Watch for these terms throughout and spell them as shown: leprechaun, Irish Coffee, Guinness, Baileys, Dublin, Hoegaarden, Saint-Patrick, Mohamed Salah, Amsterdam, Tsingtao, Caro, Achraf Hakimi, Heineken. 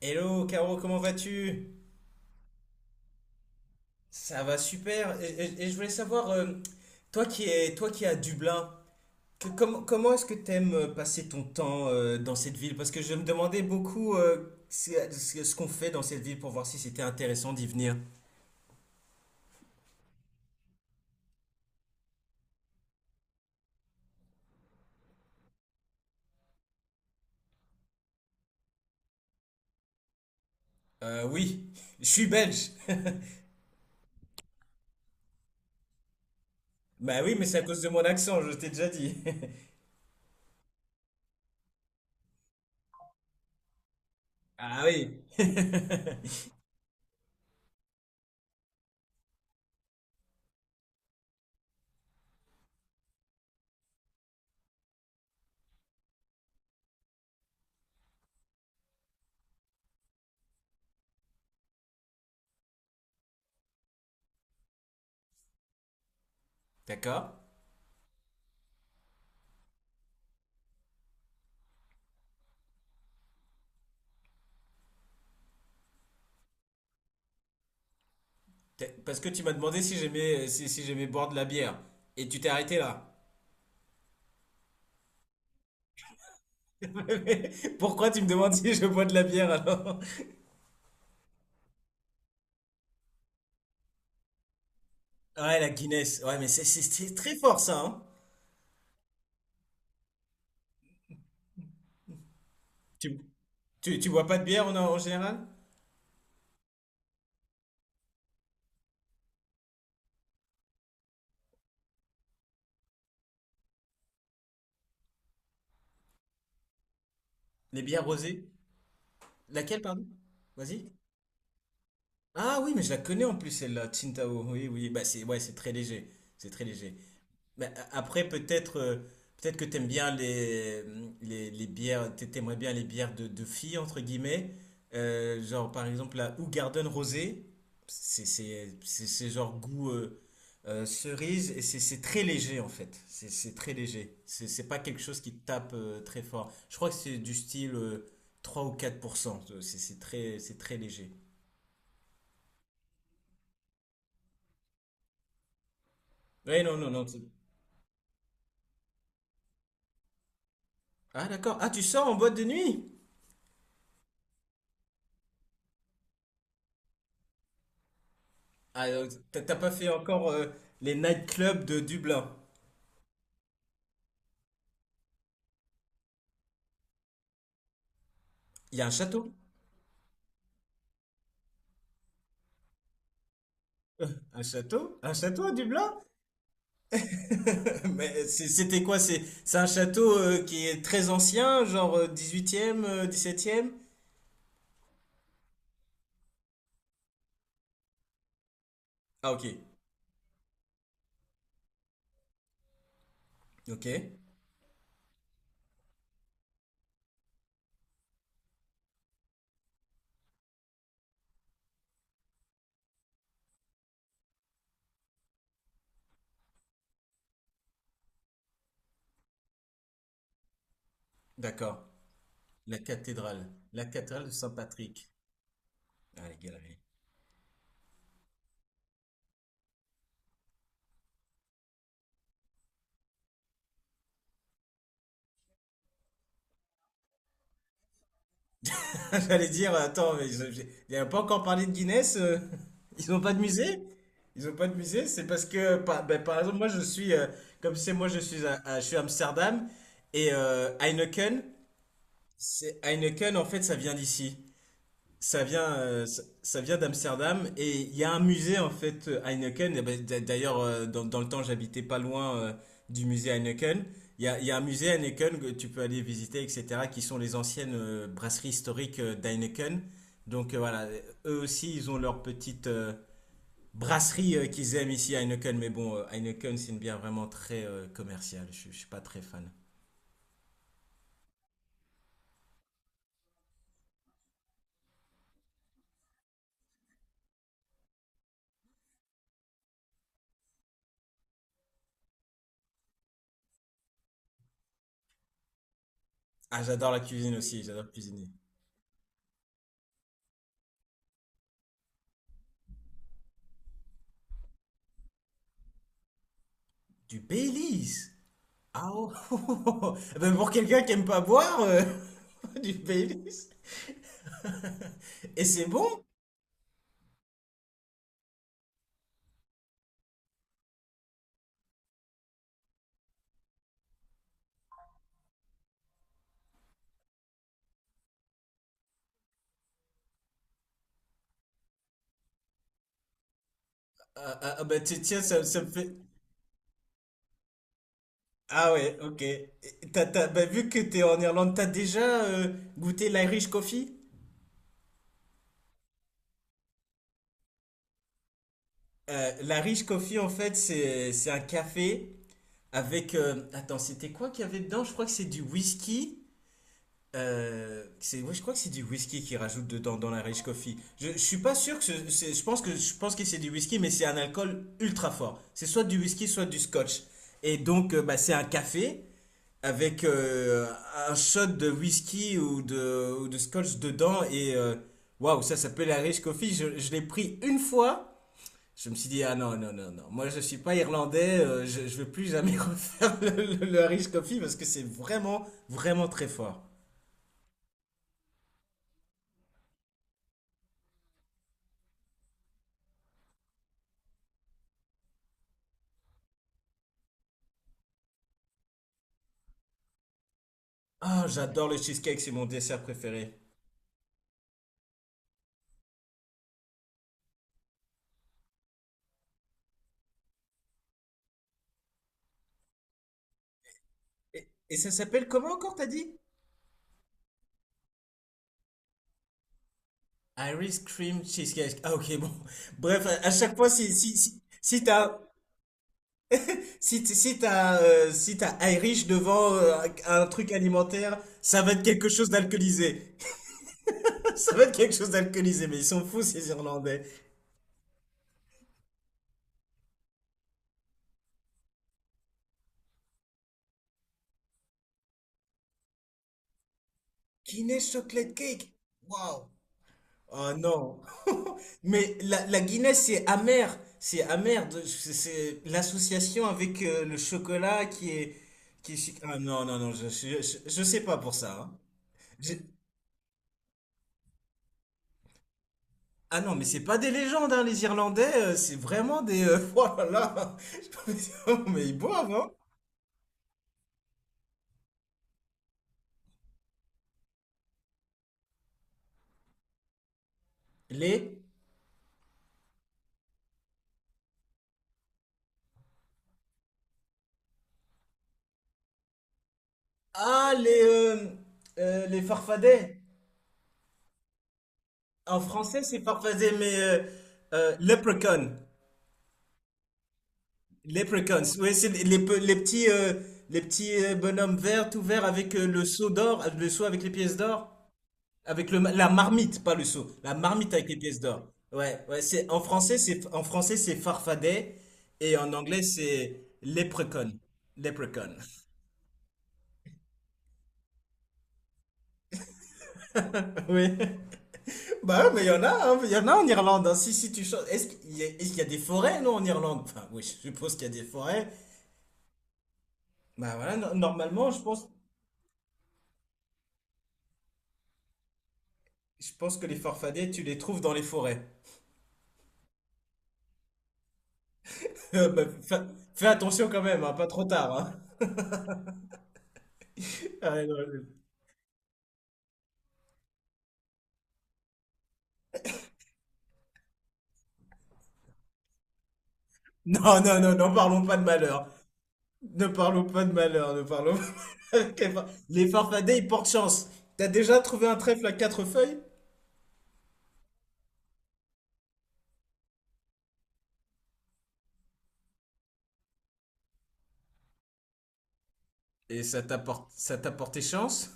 Hello Caro, comment vas-tu? Ça va super. Et je voulais savoir, toi qui es à Dublin, comment est-ce que t'aimes passer ton temps dans cette ville? Parce que je me demandais beaucoup ce qu'on fait dans cette ville pour voir si c'était intéressant d'y venir. Oui, je suis belge. Bah oui, mais c'est à cause de mon accent, je t'ai déjà dit. Ah oui. D'accord. Parce que tu m'as demandé si j'aimais si j'aimais boire de la bière. Et tu t'es arrêté là. Mais pourquoi tu me demandes si je bois de la bière alors? Ouais, la Guinness. Ouais, mais c'est très fort ça, hein? Tu, tu bois pas de bière en général? Les bières rosées? Laquelle, pardon? Vas-y. Ah oui, mais je la connais en plus celle-là, Tsingtao. Oui, oui, bah c'est ouais, c'est très léger. C'est très léger. Mais après, peut-être que t'aimes bien les bières, t'aimerais bien les bières de filles, entre guillemets. Genre, par exemple, la Hoegaarden Rosé. C'est genre goût cerise et c'est très léger, en fait. C'est très léger. C'est pas quelque chose qui te tape très fort. Je crois que c'est du style 3 ou 4 %. C'est très léger. Ouais, non, non, non. Ah, d'accord. Ah, tu sors en boîte de nuit? Ah, t'as pas fait encore les nightclubs de Dublin. Il y a un château? Euh, un château? Un château à Dublin? Mais c'était quoi? C'est un château qui est très ancien, genre 18e, 17e? Ah, ok. Ok. D'accord. La cathédrale. La cathédrale de Saint-Patrick. Ah, les galeries. J'allais dire, attends, mais pas encore parlé de Guinness. Ils n'ont pas de musée? Ils n'ont pas de musée? C'est parce que, ben, par exemple, moi je suis, comme c'est moi je suis à, je suis à Amsterdam et Heineken, c'est Heineken en fait ça vient d'ici. Ça vient, ça vient d'Amsterdam et il y a un musée en fait Heineken. Et ben, d'ailleurs, dans le temps, j'habitais pas loin du musée Heineken. Il y a un musée Heineken que tu peux aller visiter, etc., qui sont les anciennes brasseries historiques d'Heineken. Donc voilà, eux aussi, ils ont leur petite brasserie qu'ils aiment ici à Heineken. Mais bon, Heineken, c'est une bière vraiment très commerciale. Je suis pas très fan. Ah, j'adore la cuisine aussi, j'adore cuisiner. Du Baileys? Ah oh! Eh ben pour quelqu'un qui aime pas boire, du Baileys? Et c'est bon? Ah, ah, ah, bah tiens, ça me fait. Ah ouais, ok. Et bah, vu que t'es en Irlande, t'as déjà goûté l'Irish Coffee? l'Irish Coffee, en fait, c'est un café avec, attends, c'était quoi qu'il y avait dedans? Je crois que c'est du whisky. Ouais, je crois que c'est du whisky qu'ils rajoutent dedans dans la Rich Coffee. Je suis pas sûr que je pense que c'est du whisky, mais c'est un alcool ultra fort. C'est soit du whisky, soit du scotch. Et donc, bah, c'est un café avec un shot de whisky ou ou de scotch dedans. Et waouh, ça s'appelle la Rich Coffee. Je l'ai pris une fois. Je me suis dit, ah non, non, non, non. Moi, je suis pas irlandais. Je veux plus jamais refaire le Irish Coffee parce que c'est vraiment, vraiment très fort. Ah, j'adore le cheesecake, c'est mon dessert préféré. Et ça s'appelle comment encore, t'as dit? Irish cream cheesecake. Ah, ok, bon. Bref, à chaque fois, si t'as, si t'as Irish devant un truc alimentaire, ça va être quelque chose d'alcoolisé. Ça va être quelque chose d'alcoolisé, mais ils sont fous, ces Irlandais. Guinness chocolate cake. Waouh. Ah non. Mais la Guinness, c'est amer. C'est amer. C'est l'association avec le chocolat qui est, ah non, non, non, je sais pas pour ça, hein. Je- Ah non, mais c'est pas des légendes, hein, les Irlandais. C'est vraiment des, oh là là. Mais ils boivent, hein? Les... Ah, les farfadets. En français, c'est farfadet, mais, leprechaun. Leprechauns, ouais, c'est les les petits bonhommes verts, tout verts avec le seau d'or, le seau avec les pièces d'or, avec la marmite, pas le seau, la marmite avec les pièces d'or. Ouais, ouais, c'est en français, c'est farfadet et en anglais c'est leprechaun, leprechaun. Oui. Bah ouais, mais il y en a, hein, il y en a en Irlande, hein. Si tu chantes, est-ce qu'il y a, est-ce qu'il y a des forêts non en Irlande? Enfin, oui, je suppose qu'il y a des forêts. Bah voilà, normalement, je pense que les farfadets, tu les trouves dans les forêts. Bah, fais attention quand même, hein, pas trop tard, hein. Ah, non, non, non, non, non, parlons pas de malheur. Ne parlons pas de malheur, ne parlons pas de malheur. Les farfadets, ils portent chance. T'as déjà trouvé un trèfle à quatre feuilles? Et ça t'apporte, ça t'a porté chance?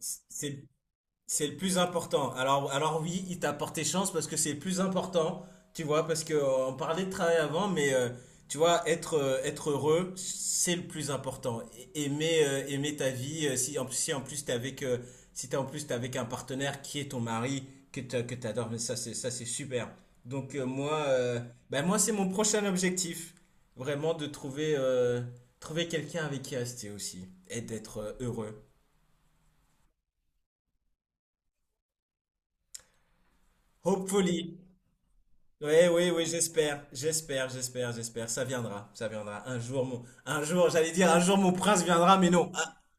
C'est C'est le plus important. Alors, oui, il t'a porté chance parce que c'est le plus important, tu vois, parce que on parlait de travail avant, mais tu vois, être heureux, c'est le plus important. Aimer, aimer ta vie, si en plus t'es avec, si t'es en plus t'es avec un partenaire qui est ton mari, que t'adores, mais ça c'est super. Donc moi, ben moi c'est mon prochain objectif, vraiment de trouver quelqu'un avec qui rester aussi et d'être heureux. Hopefully. Oui, oui, oui, j'espère, j'espère, j'espère, j'espère. Ça viendra, ça viendra. Un jour, j'allais dire, un jour mon prince viendra, mais non. Un,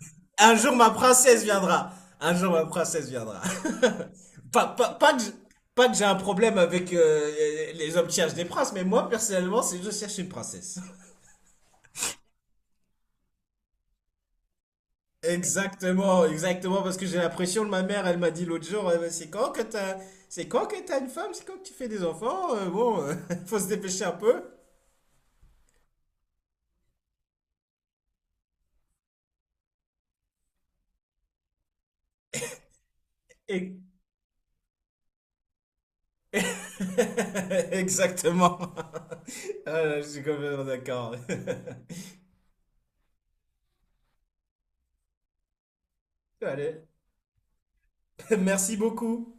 un jour ma princesse viendra. Un jour ma princesse viendra. Pas, pas, pas que, j- pas que j'ai un problème avec les hommes qui cherchent des princes, mais moi, personnellement, c'est je cherche une princesse. Exactement, exactement, parce que j'ai l'impression que ma mère, elle m'a dit l'autre jour, c'est quand que t'as une femme, c'est quand que tu fais des enfants, faut se dépêcher un peu. Exactement. Ah, là, je suis complètement d'accord. Allez, merci beaucoup.